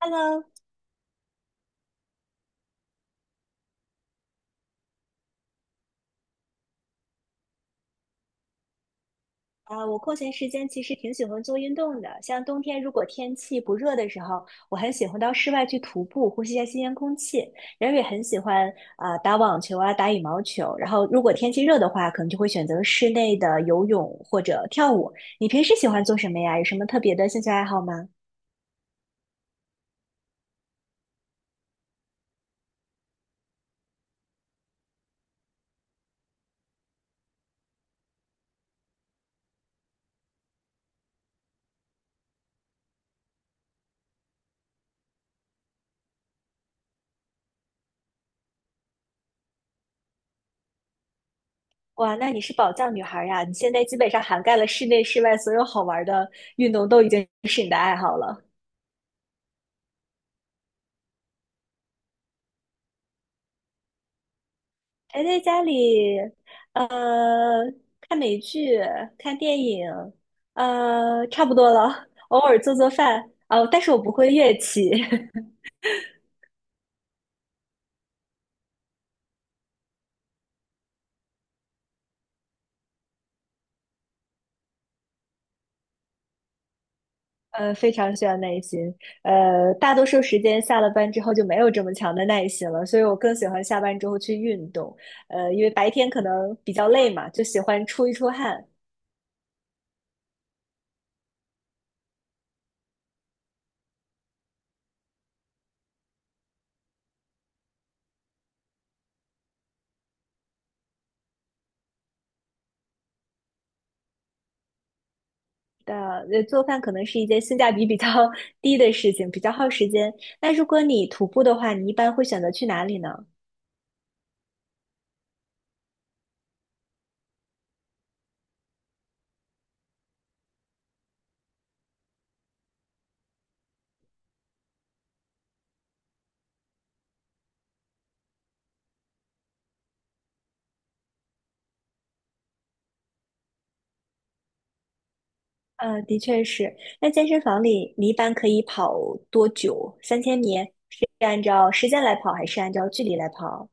Hello，我空闲时间其实挺喜欢做运动的。像冬天如果天气不热的时候，我很喜欢到室外去徒步，呼吸一下新鲜空气。然后也很喜欢打网球啊，打羽毛球。然后如果天气热的话，可能就会选择室内的游泳或者跳舞。你平时喜欢做什么呀？有什么特别的兴趣爱好吗？哇，那你是宝藏女孩儿呀！你现在基本上涵盖了室内、室外所有好玩儿的运动，都已经是你的爱好了。宅在家里，呃，看美剧、看电影，差不多了。偶尔做做饭，哦，但是我不会乐器，非常需要耐心。大多数时间下了班之后就没有这么强的耐心了，所以我更喜欢下班之后去运动。因为白天可能比较累嘛，就喜欢出一出汗。的，做饭可能是一件性价比比较 低的事情，比较耗时间。那如果你徒步的话，你一般会选择去哪里呢？的确是。那健身房里，你一般可以跑多久？3000米是按照时间来跑，还是按照距离来跑？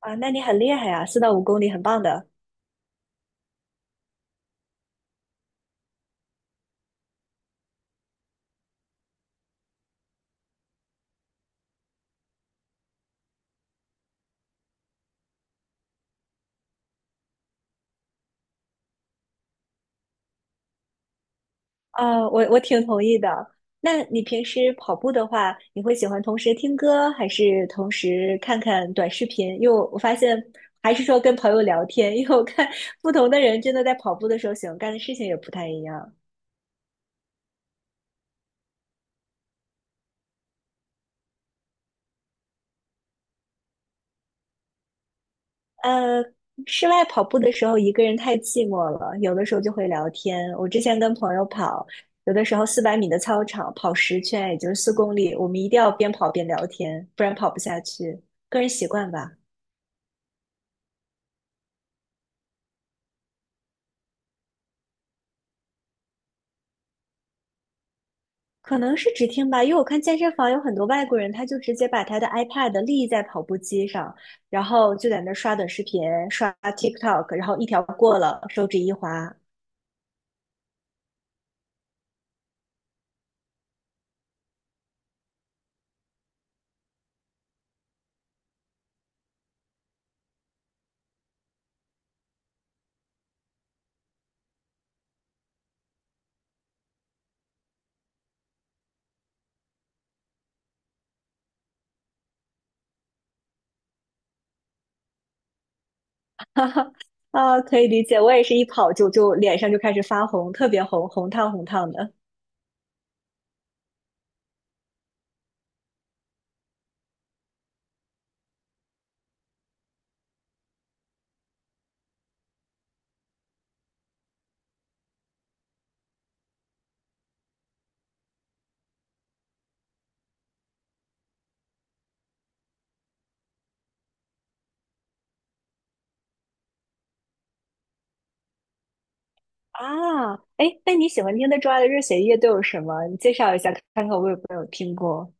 啊，那你很厉害啊，4到5公里，很棒的。啊，我挺同意的。那你平时跑步的话，你会喜欢同时听歌，还是同时看看短视频？因为我发现，还是说跟朋友聊天，因为我看不同的人真的在跑步的时候喜欢干的事情也不太一样。呃，室外跑步的时候一个人太寂寞了，有的时候就会聊天。我之前跟朋友跑，有的时候400米的操场跑10圈，也就是4公里，我们一定要边跑边聊天，不然跑不下去。个人习惯吧，可能是只听吧，因为我看健身房有很多外国人，他就直接把他的 iPad 立在跑步机上，然后就在那儿刷短视频、刷 TikTok，然后一条过了，手指一滑，哈哈啊，可以理解，我也是一跑就脸上就开始发红，特别红，红烫红烫的。啊，哎，那你喜欢听的之外的热血乐都有什么？你介绍一下，看看我有没有听过。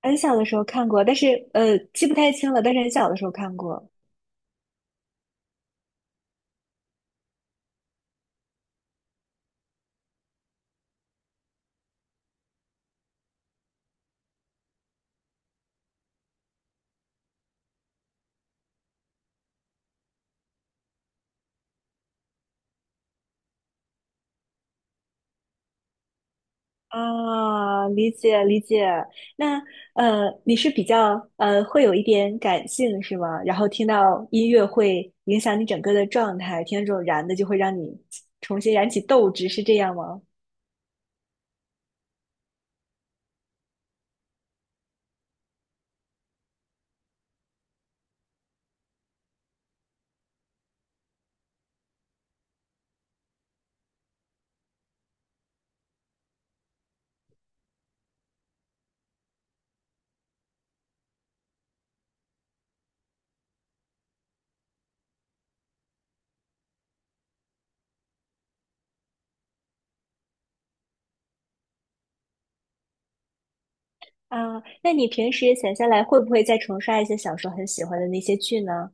很小的时候看过，但是记不太清了，但是很小的时候看过。啊，理解理解。那你是比较会有一点感性是吗？然后听到音乐会影响你整个的状态，听到这种燃的就会让你重新燃起斗志，是这样吗？啊，那你平时闲下来会不会再重刷一些小时候很喜欢的那些剧呢？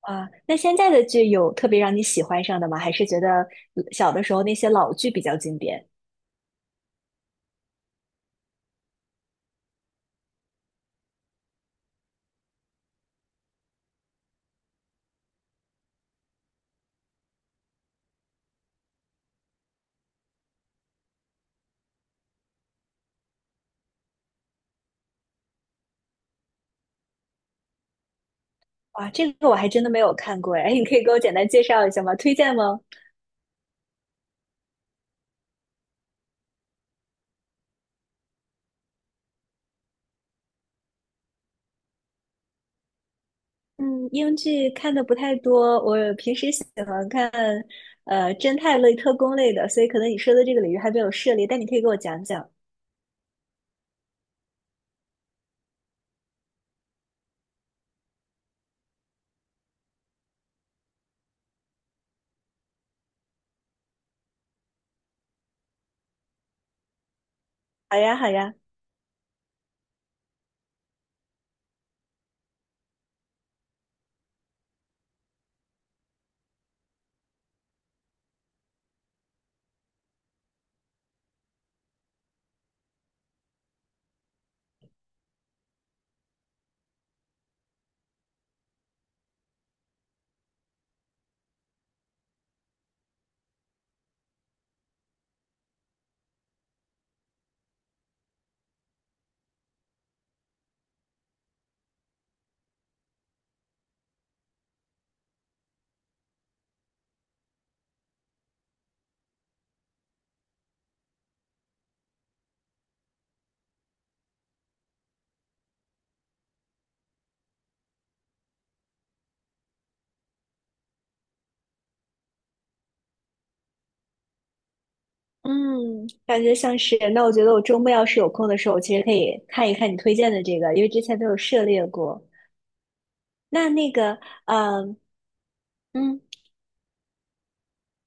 啊，那现在的剧有特别让你喜欢上的吗？还是觉得小的时候那些老剧比较经典？哇，这个我还真的没有看过哎，你可以给我简单介绍一下吗？推荐吗？嗯，英剧看的不太多，我平时喜欢看侦探类、特工类的，所以可能你说的这个领域还没有涉猎，但你可以给我讲讲。好呀，好呀。嗯，感觉像是。那我觉得我周末要是有空的时候，我其实可以看一看你推荐的这个，因为之前都有涉猎过。那那个，嗯嗯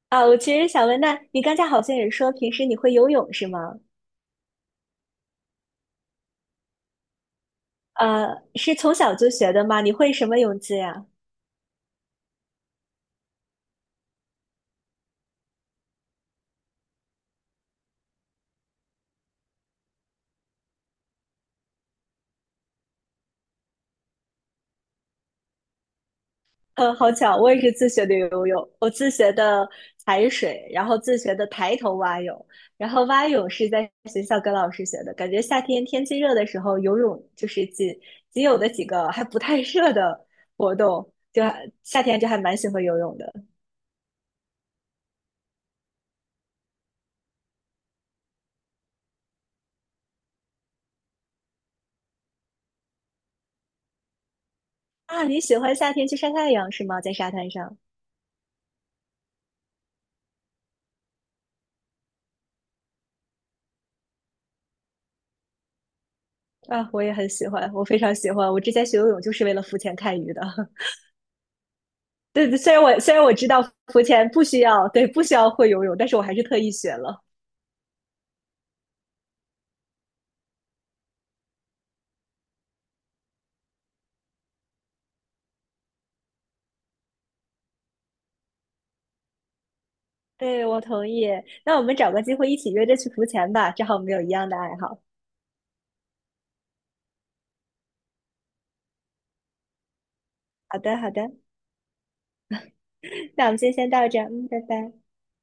我其实想问，那你刚才好像也说平时你会游泳是吗？呃，是从小就学的吗？你会什么泳姿呀？好巧，我也是自学的游泳，我自学的踩水，然后自学的抬头蛙泳，然后蛙泳是在学校跟老师学的。感觉夏天天气热的时候，游泳就是仅仅有的几个还不太热的活动，就还夏天就还蛮喜欢游泳的啊。你喜欢夏天去晒太阳是吗？在沙滩上啊，我也很喜欢，我非常喜欢。我之前学游泳就是为了浮潜看鱼的。对，虽然我知道浮潜不需要，对，不需要会游泳，但是我还是特意学了。对，我同意。那我们找个机会一起约着去浮潜吧，正好我们有一样的爱好。好的，好的，那我们今天先到这儿嗯，拜拜。